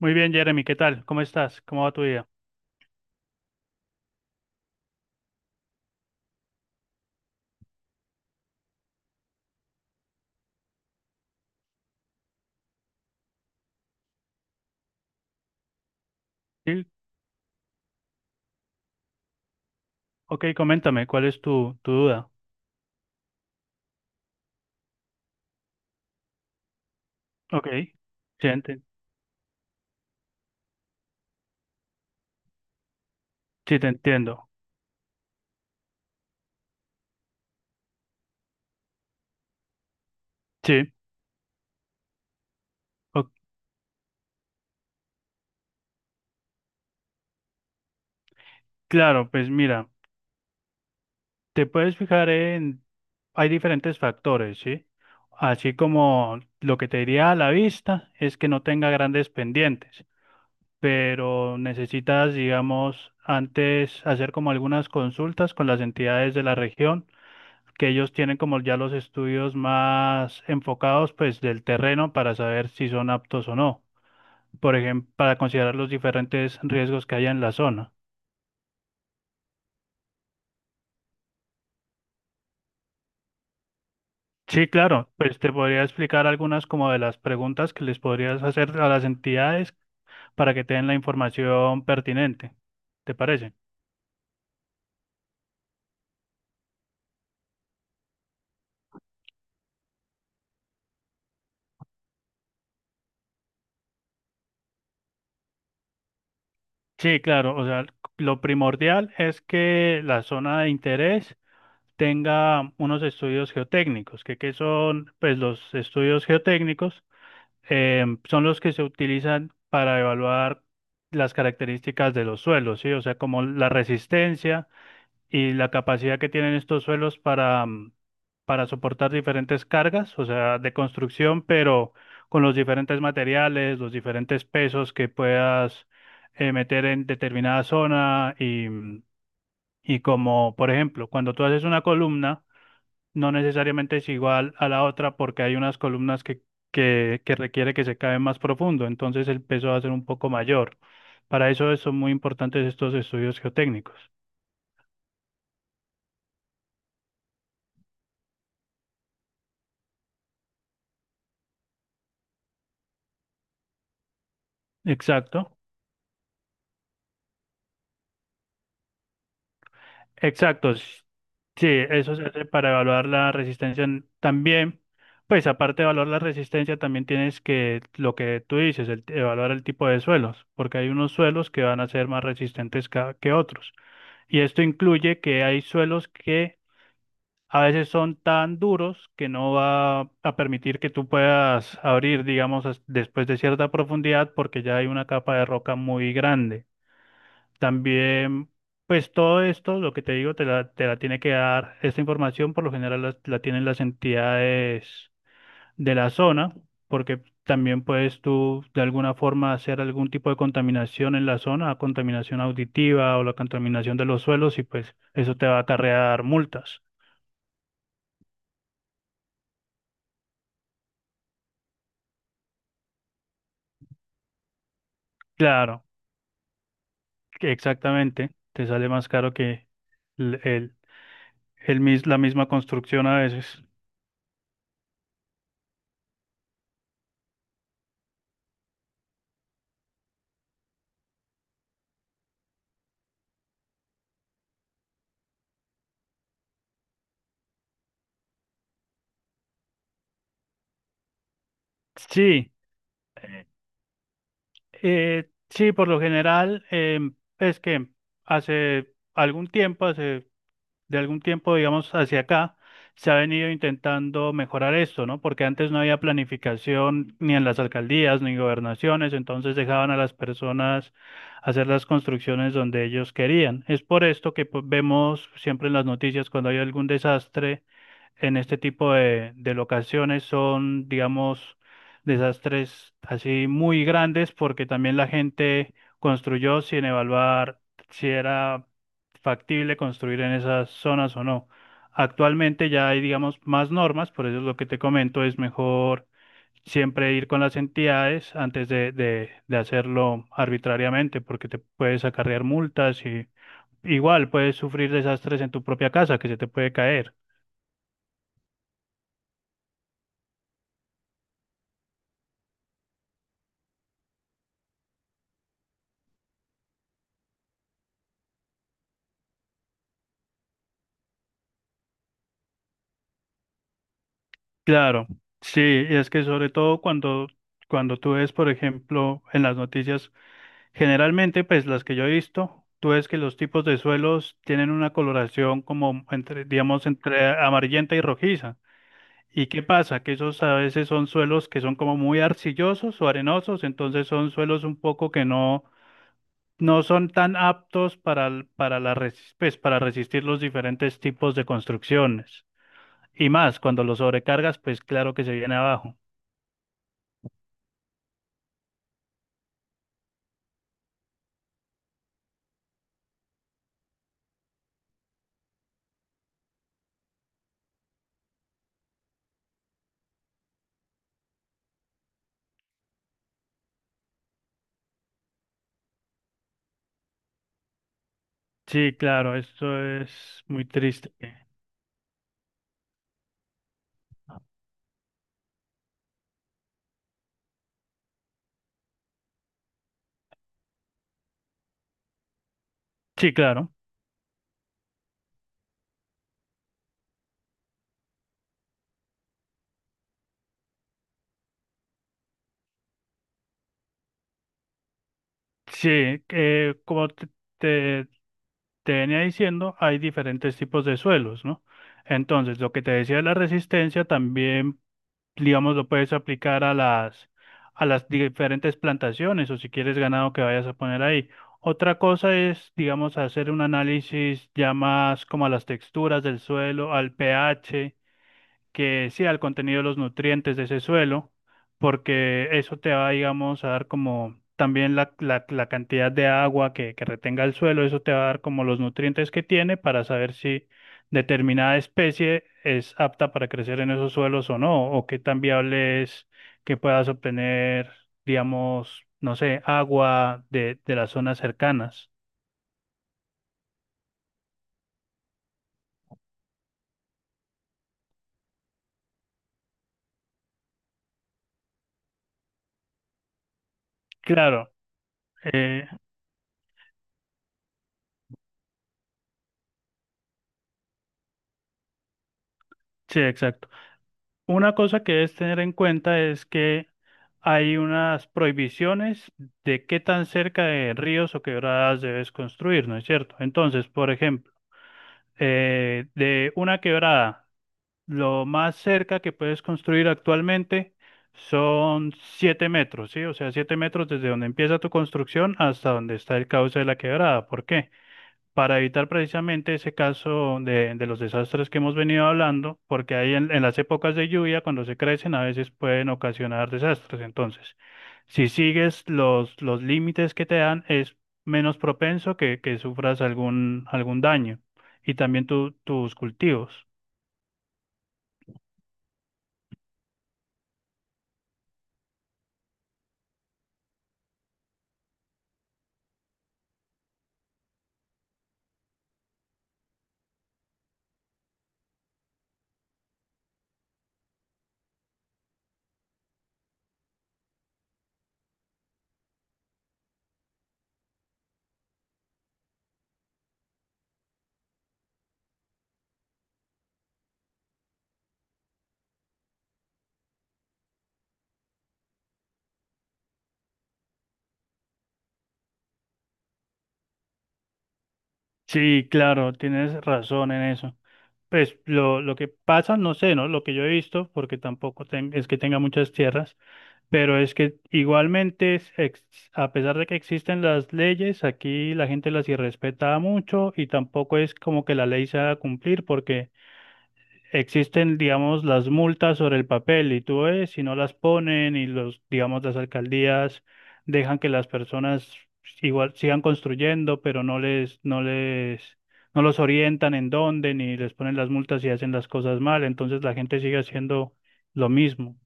Muy bien, Jeremy, ¿qué tal? ¿Cómo estás? ¿Cómo va tu día? Sí, ok, coméntame, ¿cuál es tu duda? Ok, sí, sí, te entiendo. Sí, o- claro, pues mira, te puedes fijar en, hay diferentes factores, ¿sí? Así como lo que te diría a la vista es que no tenga grandes pendientes, pero necesitas, digamos, antes hacer como algunas consultas con las entidades de la región, que ellos tienen como ya los estudios más enfocados pues del terreno para saber si son aptos o no, por ejemplo, para considerar los diferentes riesgos que haya en la zona. Sí, claro, pues te podría explicar algunas como de las preguntas que les podrías hacer a las entidades para que te den la información pertinente. ¿Te parece? Sí, claro, o sea, lo primordial es que la zona de interés tenga unos estudios geotécnicos, que son pues los estudios geotécnicos, son los que se utilizan para evaluar las características de los suelos, ¿sí? O sea, como la resistencia y la capacidad que tienen estos suelos para, para soportar diferentes cargas, o sea, de construcción, pero con los diferentes materiales, los diferentes pesos que puedas meter en determinada zona y, y como, por ejemplo, cuando tú haces una columna, no necesariamente es igual a la otra, porque hay unas columnas que requiere que se cabe más profundo, entonces el peso va a ser un poco mayor. Para eso son muy importantes estos estudios geotécnicos. Exacto, exacto. Sí, eso se hace para evaluar la resistencia. También, pues aparte de evaluar la resistencia, también tienes que, lo que tú dices, evaluar el tipo de suelos, porque hay unos suelos que van a ser más resistentes que otros. Y esto incluye que hay suelos que a veces son tan duros que no va a permitir que tú puedas abrir, digamos, después de cierta profundidad, porque ya hay una capa de roca muy grande. También, pues todo esto, lo que te digo, te la tiene que dar esta información, por lo general tienen las entidades de la zona, porque también puedes tú de alguna forma hacer algún tipo de contaminación en la zona, contaminación auditiva o la contaminación de los suelos, y pues eso te va a acarrear multas. Claro. que Exactamente, te sale más caro que el, el- la misma construcción a veces. Sí, sí, por lo general, es que hace algún tiempo, hace de algún tiempo, digamos, hacia acá, se ha venido intentando mejorar esto, ¿no? Porque antes no había planificación ni en las alcaldías ni gobernaciones, entonces dejaban a las personas hacer las construcciones donde ellos querían. Es por esto que pues, vemos siempre en las noticias cuando hay algún desastre en este tipo de locaciones, son, digamos, desastres así muy grandes porque también la gente construyó sin evaluar si era factible construir en esas zonas o no. Actualmente ya hay, digamos, más normas, por eso es lo que te comento, es mejor siempre ir con las entidades antes de hacerlo arbitrariamente, porque te puedes acarrear multas y igual puedes sufrir desastres en tu propia casa que se te puede caer. Claro, sí, y es que sobre todo cuando, cuando tú ves, por ejemplo, en las noticias, generalmente, pues las que yo he visto, tú ves que los tipos de suelos tienen una coloración como entre, digamos, entre amarillenta y rojiza. ¿Y qué pasa? Que esos a veces son suelos que son como muy arcillosos o arenosos, entonces son suelos un poco que no, no son tan aptos para, para, pues, para resistir los diferentes tipos de construcciones. Y más, cuando los sobrecargas, pues claro que se viene abajo. Sí, claro, esto es muy triste. Sí, claro. Sí, como te, te venía diciendo, hay diferentes tipos de suelos, ¿no? Entonces, lo que te decía de la resistencia también, digamos, lo puedes aplicar a a las diferentes plantaciones o si quieres ganado que vayas a poner ahí. Otra cosa es, digamos, hacer un análisis ya más como a las texturas del suelo, al pH, que sea el contenido de los nutrientes de ese suelo, porque eso te va, digamos, a dar como también la cantidad de agua que retenga el suelo, eso te va a dar como los nutrientes que tiene para saber si determinada especie es apta para crecer en esos suelos o no, o qué tan viable es que puedas obtener, digamos, no sé, agua de las zonas cercanas. Claro, eh, sí, exacto. Una cosa que debes tener en cuenta es que hay unas prohibiciones de qué tan cerca de ríos o quebradas debes construir, ¿no es cierto? Entonces, por ejemplo, de una quebrada, lo más cerca que puedes construir actualmente son 7 metros, ¿sí? O sea, 7 metros desde donde empieza tu construcción hasta donde está el cauce de la quebrada. ¿Por qué? Para evitar precisamente ese caso de los desastres que hemos venido hablando, porque ahí en las épocas de lluvia, cuando se crecen, a veces pueden ocasionar desastres. Entonces, si sigues los límites que te dan, es menos propenso que sufras algún daño y también tus cultivos. Sí, claro, tienes razón en eso. Pues lo que pasa, no sé, ¿no? Lo que yo he visto, porque tampoco es que tenga muchas tierras. Pero es que igualmente, a pesar de que existen las leyes, aquí la gente las irrespeta mucho y tampoco es como que la ley se haga cumplir, porque existen, digamos, las multas sobre el papel y tú ves, si no las ponen, y los, digamos, las alcaldías dejan que las personas igual sigan construyendo, pero no los orientan en dónde ni les ponen las multas y hacen las cosas mal, entonces la gente sigue haciendo lo mismo.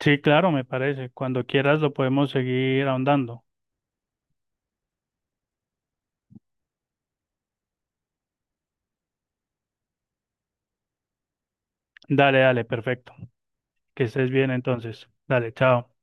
Sí, claro, me parece. Cuando quieras lo podemos seguir ahondando. Dale, dale, perfecto. Que estés bien entonces. Dale, chao.